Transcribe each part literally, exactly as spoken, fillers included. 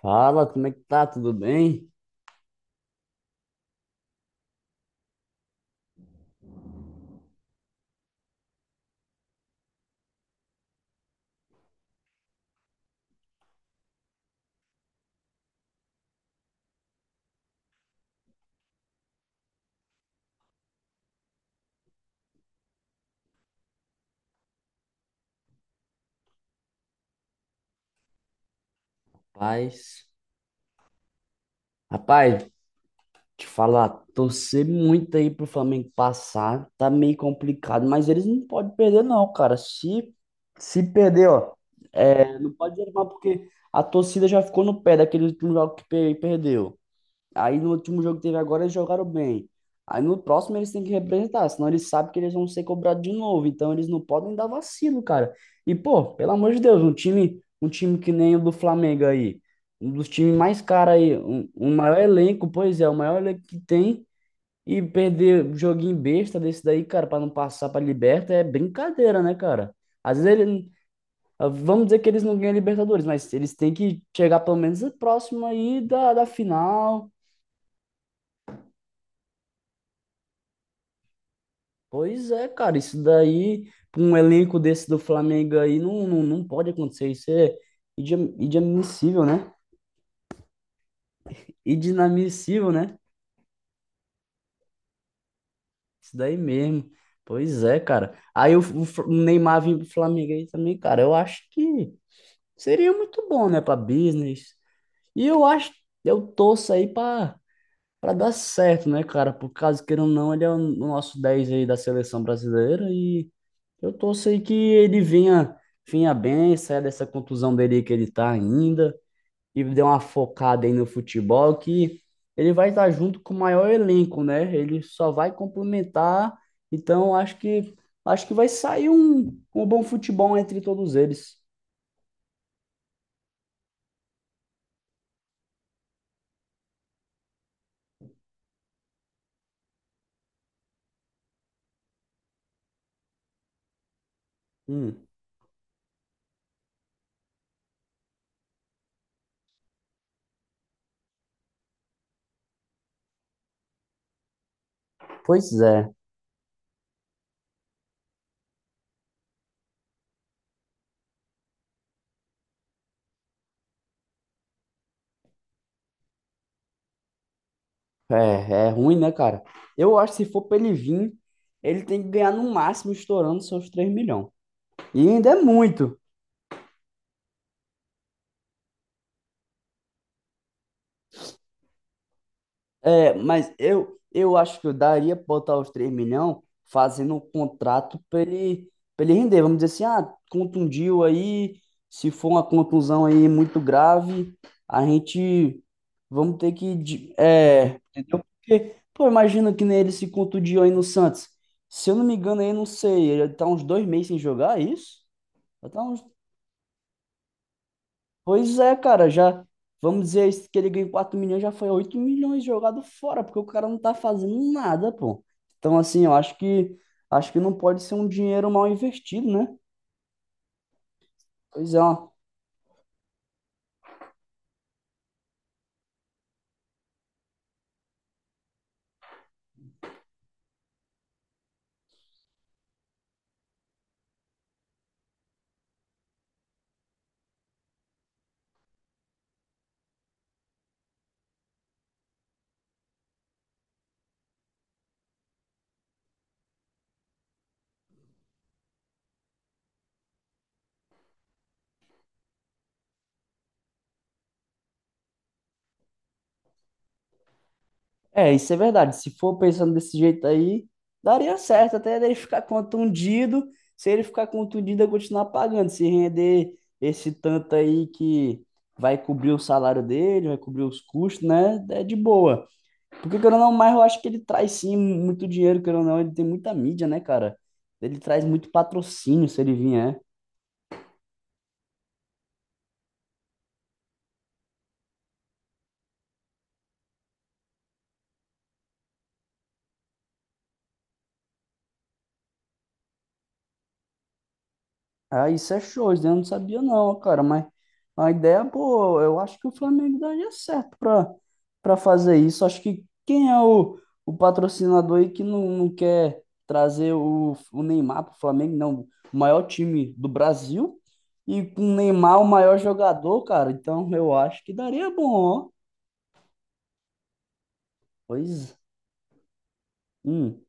Fala, como é que tá? Tudo bem? Paz. Rapaz, te falar, torcer muito aí pro Flamengo passar, tá meio complicado, mas eles não podem perder não, cara. Se se perder, ó, é, não pode desanimar porque a torcida já ficou no pé daquele último jogo que pe- perdeu. Aí no último jogo que teve agora, eles jogaram bem. Aí no próximo eles têm que representar, senão eles sabem que eles vão ser cobrados de novo. Então eles não podem dar vacilo, cara. E, pô, pelo amor de Deus, um time, um time que nem o do Flamengo aí, um dos times mais caros aí, um, o maior elenco, pois é, o maior elenco que tem, e perder joguinho besta desse daí, cara, pra não passar pra Liberta é brincadeira, né, cara? Às vezes ele. Vamos dizer que eles não ganham Libertadores, mas eles têm que chegar pelo menos próximo aí da, da final. Pois é, cara, isso daí, pra um elenco desse do Flamengo aí, não, não, não pode acontecer. Isso é idi- inadmissível, né? Inadmissível, né? Isso daí mesmo. Pois é, cara. Aí o, o Fl- o Neymar vir pro Flamengo aí também, cara, eu acho que seria muito bom, né, pra business. E eu acho, eu torço aí pra, pra dar certo, né, cara? Por caso queira ou não, ele é o nosso dez aí da seleção brasileira e. Eu torço aí que ele venha, venha bem, saia dessa contusão dele que ele tá ainda e dê uma focada aí no futebol que ele vai estar junto com o maior elenco, né? Ele só vai complementar. Então acho que acho que vai sair um, um bom futebol entre todos eles. Hum, pois é. É, é ruim, né, cara? Eu acho que se for pra ele vir, ele tem que ganhar no máximo estourando seus três milhões. E ainda é muito. É, mas eu, eu acho que eu daria pra botar os três milhões fazendo um contrato pra ele, pra ele render. Vamos dizer assim, ah, contundiu aí, se for uma contusão aí muito grave, a gente vamos ter que, de- é, entendeu? Porque, pô, imagina que nem ele se contundiu aí no Santos. Se eu não me engano, aí, não sei, ele tá uns dois meses sem jogar, é isso? Vai Tá uns, pois é, cara, já vamos dizer isso, que ele ganhou quatro milhões, já foi oito milhões jogado fora, porque o cara não tá fazendo nada, pô. Então, assim, eu acho que acho que não pode ser um dinheiro mal investido, né? Pois é, ó. É, isso é verdade. Se for pensando desse jeito aí, daria certo até ele ficar contundido. Se ele ficar contundido, eu continuar pagando. Se render esse tanto aí que vai cobrir o salário dele, vai cobrir os custos, né? É de boa. Porque, querendo ou não, mas eu acho que ele traz sim muito dinheiro, querendo ou não, ele tem muita mídia, né, cara? Ele traz muito patrocínio se ele vier. Ah, isso é show, isso eu não sabia não, cara, mas a ideia, pô, eu acho que o Flamengo daria certo pra, pra fazer isso. Acho que quem é o, o patrocinador aí que não, não quer trazer o, o Neymar pro Flamengo, não, o maior time do Brasil e com o Neymar o maior jogador, cara, então eu acho que daria bom, ó. Pois, hum.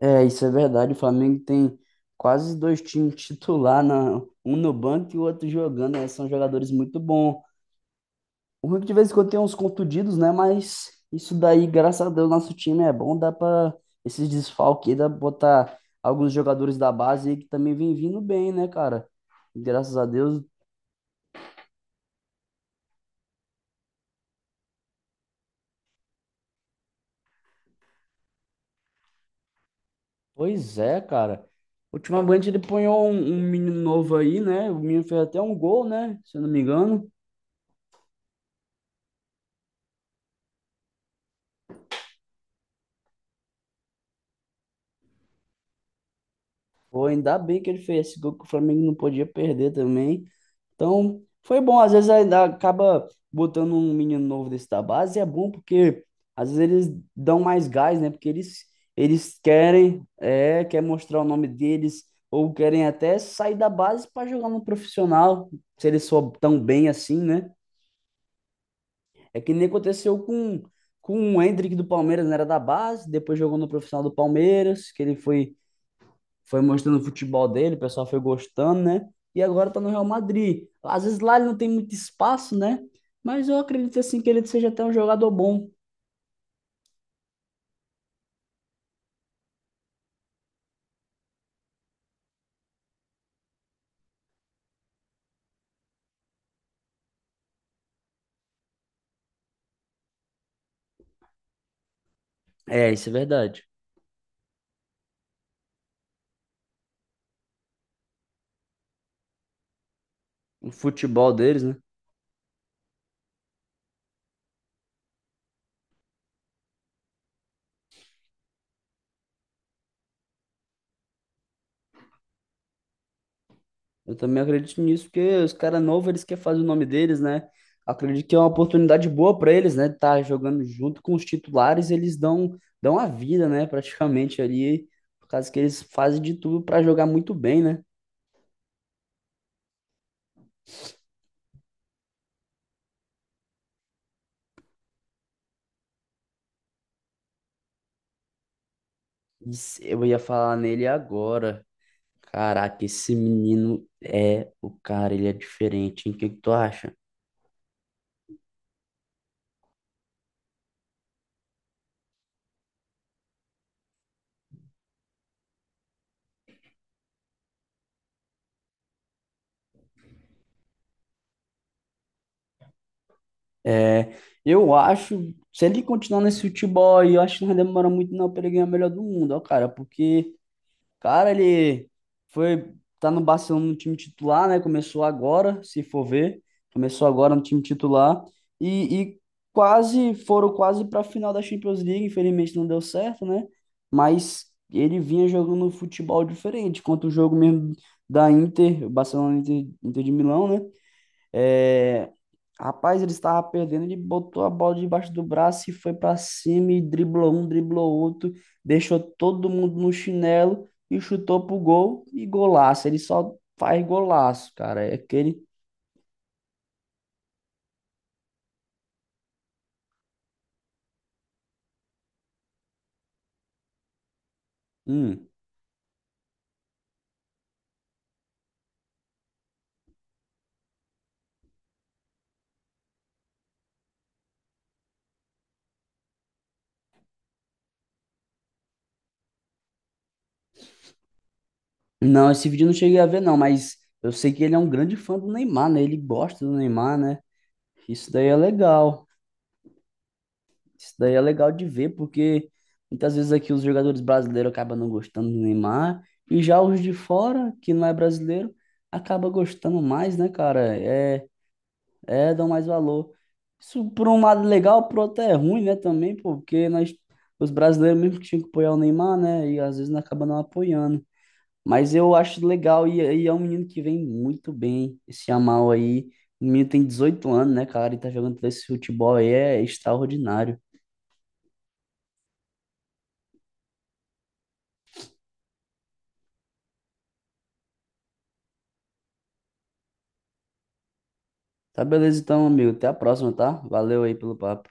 É, isso é verdade. O Flamengo tem quase dois times titular, na, um no banco e o outro jogando. Né? São jogadores muito bons. O Hulk de vez em quando tem uns contundidos, né? Mas isso daí, graças a Deus, nosso time é bom. Dá para esses desfalques, aí, dá pra botar alguns jogadores da base aí que também vem vindo bem, né, cara? Graças a Deus. Pois é, cara. Ultimamente ele ponhou um, um menino novo aí, né? O menino fez até um gol, né? Se eu não me engano. Pô, ainda bem que ele fez esse gol que o Flamengo não podia perder também. Então, foi bom. Às vezes ainda acaba botando um menino novo desse da base, e é bom porque às vezes eles dão mais gás, né? Porque eles, eles querem, é, quer mostrar o nome deles, ou querem até sair da base para jogar no profissional, se eles for tão bem assim, né? É que nem aconteceu com, com o Endrick do Palmeiras, né? Era da base, depois jogou no profissional do Palmeiras, que ele foi foi mostrando o futebol dele, o pessoal foi gostando, né? E agora tá no Real Madrid. Às vezes lá ele não tem muito espaço, né? Mas eu acredito assim que ele seja até um jogador bom. É, isso é verdade. O futebol deles, né? Eu também acredito nisso, porque os caras novos, eles querem fazer o nome deles, né? Acredito que é uma oportunidade boa para eles, né? Tá jogando junto com os titulares, eles dão, dão a vida, né? Praticamente ali, por causa que eles fazem de tudo para jogar muito bem, né? Isso, eu ia falar nele agora. Caraca, esse menino é o cara, ele é diferente, hein? O que que tu acha? É, eu acho, se ele continuar nesse futebol aí, eu acho que não vai demorar muito não pra ele ganhar o melhor do mundo, ó, cara, porque cara, ele foi tá no Barcelona no time titular, né? Começou agora, se for ver, começou agora no time titular e, e quase foram quase para a final da Champions League, infelizmente não deu certo, né? Mas ele vinha jogando um futebol diferente, quanto o jogo mesmo da Inter, o Barcelona Inter, Inter de Milão, né? É, rapaz, ele estava perdendo, ele botou a bola debaixo do braço e foi para cima e driblou um, driblou outro, deixou todo mundo no chinelo e chutou pro gol e golaço. Ele só faz golaço, cara. É aquele. Hum. Não, esse vídeo eu não cheguei a ver, não, mas eu sei que ele é um grande fã do Neymar, né? Ele gosta do Neymar, né? Isso daí é legal. Isso daí é legal de ver, porque muitas vezes aqui os jogadores brasileiros acabam não gostando do Neymar, e já os de fora, que não é brasileiro, acaba gostando mais, né, cara? É, é, dão mais valor. Isso por um lado é legal, por outro é ruim, né, também, pô, porque nós, os brasileiros mesmo que tinham que apoiar o Neymar, né, e às vezes não acaba não apoiando. Mas eu acho legal, e, e é um menino que vem muito bem, esse Yamal aí. O menino tem dezoito anos, né, cara, e tá jogando esse futebol aí, é extraordinário. Tá beleza então, amigo. Até a próxima, tá? Valeu aí pelo papo.